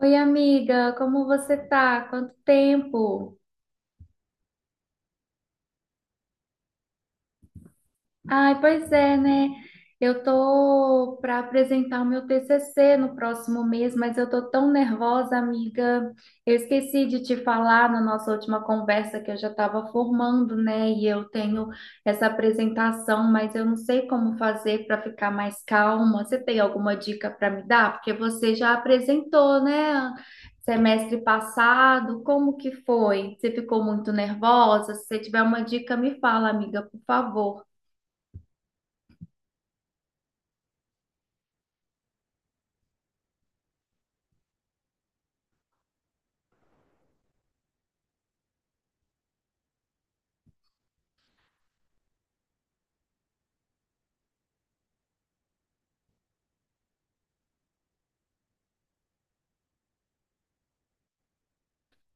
Oi, amiga, como você tá? Quanto tempo? Ai, pois é, né? Eu tô para apresentar o meu TCC no próximo mês, mas eu tô tão nervosa, amiga. Eu esqueci de te falar na nossa última conversa que eu já estava formando, né? E eu tenho essa apresentação, mas eu não sei como fazer para ficar mais calma. Você tem alguma dica para me dar? Porque você já apresentou, né? Semestre passado, como que foi? Você ficou muito nervosa? Se você tiver uma dica, me fala, amiga, por favor.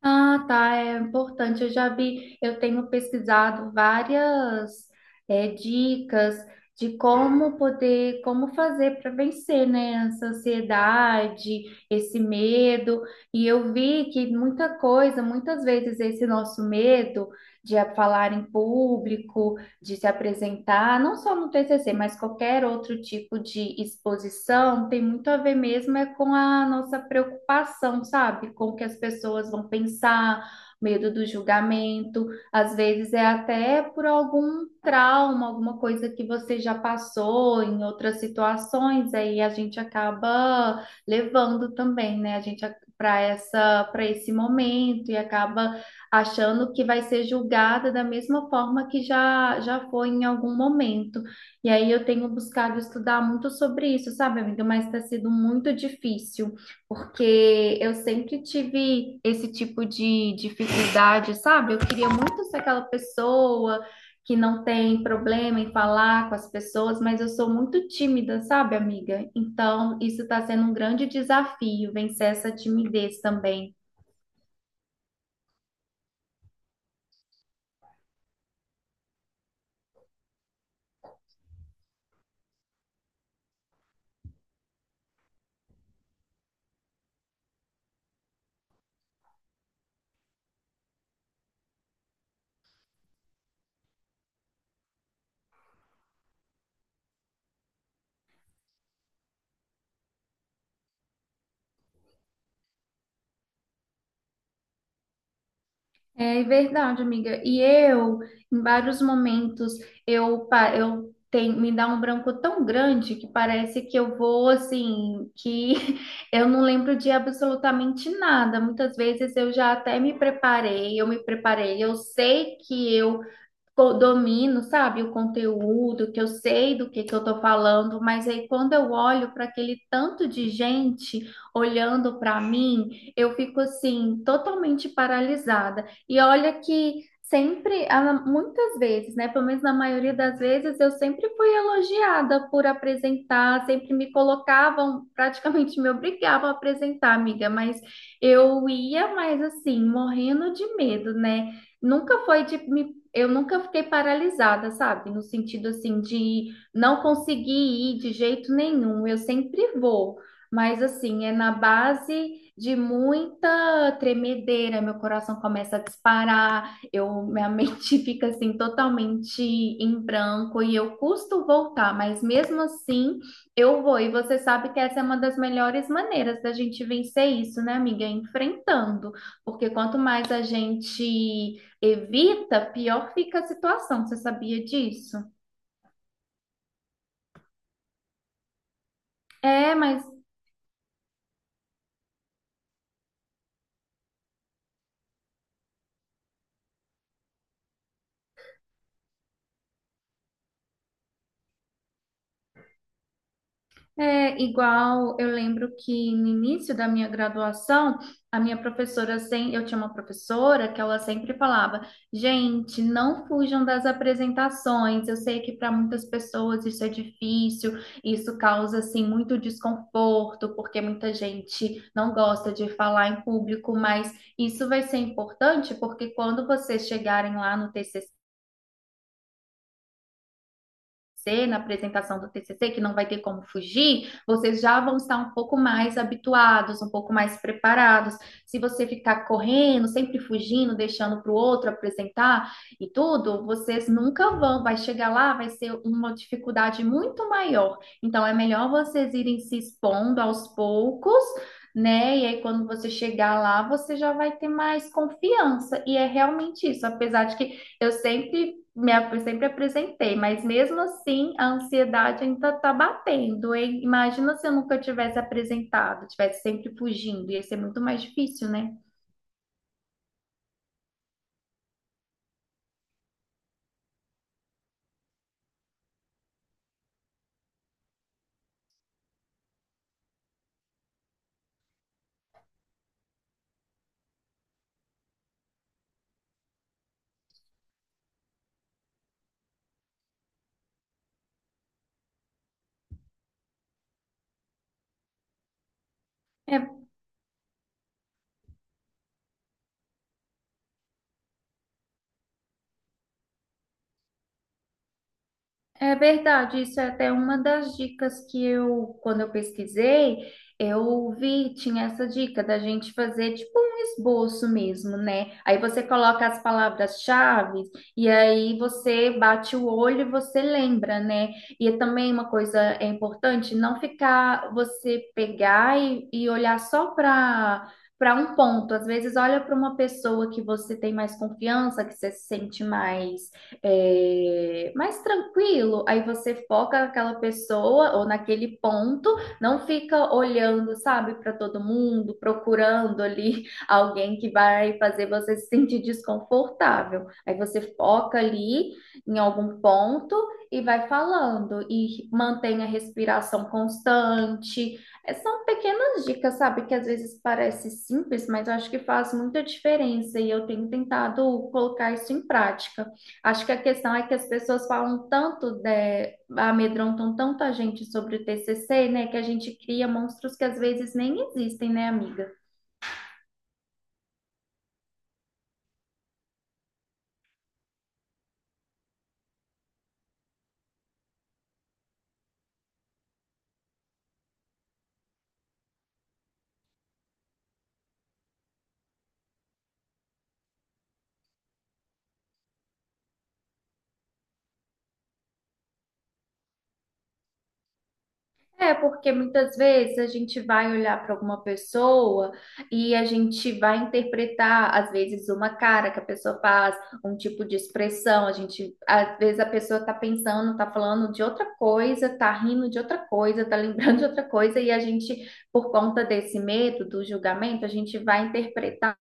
Ah, tá, é importante. Eu já vi, eu tenho pesquisado várias dicas de como poder, como fazer para vencer, né, essa ansiedade, esse medo. E eu vi que muita coisa, muitas vezes esse nosso medo de falar em público, de se apresentar, não só no TCC, mas qualquer outro tipo de exposição, tem muito a ver mesmo é com a nossa preocupação, sabe? Com o que as pessoas vão pensar, medo do julgamento, às vezes é até por algum trauma, alguma coisa que você já passou em outras situações, aí a gente acaba levando também, né? A gente para esse momento e acaba achando que vai ser julgada da mesma forma que já foi em algum momento. E aí eu tenho buscado estudar muito sobre isso, sabe, amiga? Mas está sendo muito difícil, porque eu sempre tive esse tipo de dificuldade, sabe? Eu queria muito ser aquela pessoa que não tem problema em falar com as pessoas, mas eu sou muito tímida, sabe, amiga? Então, isso está sendo um grande desafio, vencer essa timidez também. É verdade, amiga. E eu, em vários momentos, eu, pa- eu tenho, me dá um branco tão grande que parece que eu vou assim, que eu não lembro de absolutamente nada. Muitas vezes eu já até me preparei, eu sei que eu domino, sabe, o conteúdo, que eu sei do que eu tô falando, mas aí quando eu olho para aquele tanto de gente olhando para mim, eu fico assim totalmente paralisada. E olha que sempre, ah, muitas vezes, né, pelo menos na maioria das vezes, eu sempre fui elogiada por apresentar, sempre me colocavam, praticamente me obrigavam a apresentar, amiga, mas eu ia mais assim, morrendo de medo, né? Nunca foi de me Eu nunca fiquei paralisada, sabe? No sentido assim de não conseguir ir de jeito nenhum. Eu sempre vou, mas assim, é na base de muita tremedeira, meu coração começa a disparar, eu minha mente fica assim totalmente em branco e eu custo voltar, mas mesmo assim eu vou. E você sabe que essa é uma das melhores maneiras da gente vencer isso, né, amiga? É enfrentando, porque quanto mais a gente evita, pior fica a situação. Você sabia disso? É, mas é igual. Eu lembro que no início da minha graduação, a minha professora, sem, eu tinha uma professora que ela sempre falava: gente, não fujam das apresentações. Eu sei que para muitas pessoas isso é difícil, isso causa assim muito desconforto, porque muita gente não gosta de falar em público, mas isso vai ser importante porque quando vocês chegarem lá no TCC, na apresentação do TCC, que não vai ter como fugir, vocês já vão estar um pouco mais habituados, um pouco mais preparados. Se você ficar correndo, sempre fugindo, deixando para o outro apresentar e tudo, vocês nunca vão, vai chegar lá, vai ser uma dificuldade muito maior. Então, é melhor vocês irem se expondo aos poucos, né? E aí, quando você chegar lá, você já vai ter mais confiança. E é realmente isso, apesar de que eu sempre me, ap- sempre apresentei, mas mesmo assim a ansiedade ainda tá batendo, hein? Imagina se eu nunca tivesse apresentado, tivesse sempre fugindo, ia ser muito mais difícil, né? É verdade, isso é até uma das dicas que eu, quando eu pesquisei, eu vi, tinha essa dica da gente fazer tipo um esboço mesmo, né? Aí você coloca as palavras-chave e aí você bate o olho e você lembra, né? E também uma coisa é importante, não ficar você pegar e olhar só para um ponto. Às vezes olha para uma pessoa que você tem mais confiança, que você se sente mais mais tranquilo. Aí você foca naquela pessoa ou naquele ponto, não fica olhando, sabe, para todo mundo, procurando ali alguém que vai fazer você se sentir desconfortável. Aí você foca ali em algum ponto e vai falando e mantém a respiração constante. É, são pequenas dicas, sabe, que às vezes parece simples, mas eu acho que faz muita diferença e eu tenho tentado colocar isso em prática. Acho que a questão é que as pessoas falam tanto, amedrontam tanto a gente sobre o TCC, né, que a gente cria monstros que às vezes nem existem, né, amiga? É, porque muitas vezes a gente vai olhar para alguma pessoa e a gente vai interpretar, às vezes, uma cara que a pessoa faz, um tipo de expressão. A gente, às vezes, a pessoa está pensando, está falando de outra coisa, está rindo de outra coisa, está lembrando de outra coisa, e a gente, por conta desse medo do julgamento, a gente vai interpretar.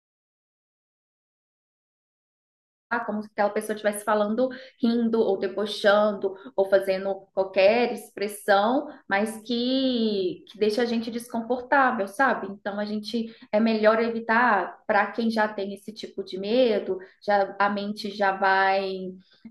Ah, como se aquela pessoa estivesse falando, rindo, ou debochando, ou fazendo qualquer expressão, mas que deixa a gente desconfortável, sabe? Então a gente é melhor evitar. Para quem já tem esse tipo de medo, já a mente já vai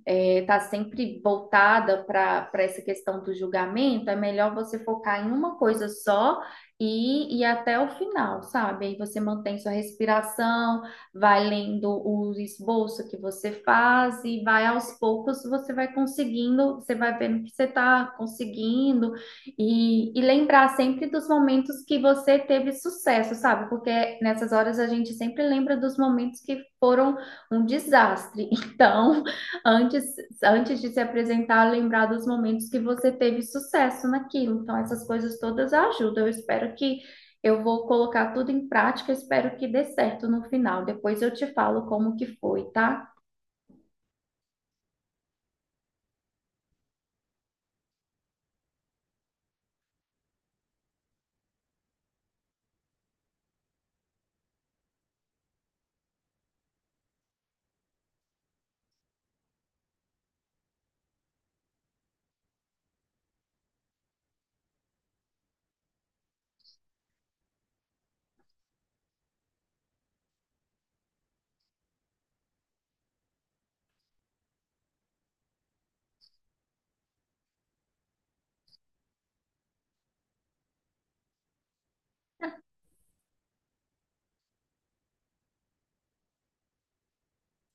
estar sempre voltada para essa questão do julgamento, é melhor você focar em uma coisa só. E até o final, sabe? Aí você mantém sua respiração, vai lendo o esboço que você faz e vai aos poucos, você vai conseguindo, você vai vendo que você está conseguindo e lembrar sempre dos momentos que você teve sucesso, sabe? Porque nessas horas a gente sempre lembra dos momentos que foram um desastre. Então, antes, antes de se apresentar, lembrar dos momentos que você teve sucesso naquilo. Então, essas coisas todas ajudam. Eu espero que eu vou colocar tudo em prática, espero que dê certo no final. Depois eu te falo como que foi, tá?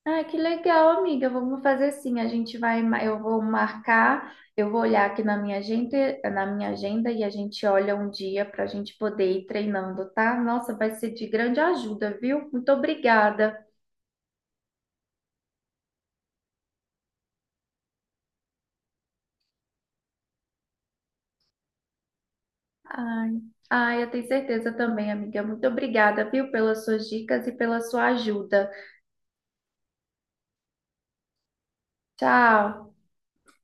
Ah, que legal, amiga. Vamos fazer assim. A gente vai, ma- eu vou marcar, eu vou olhar aqui na minha agenda, e a gente olha um dia para a gente poder ir treinando, tá? Nossa, vai ser de grande ajuda, viu? Muito obrigada. Ai, ai, eu tenho certeza também, amiga. Muito obrigada, viu, pelas suas dicas e pela sua ajuda. Tchau.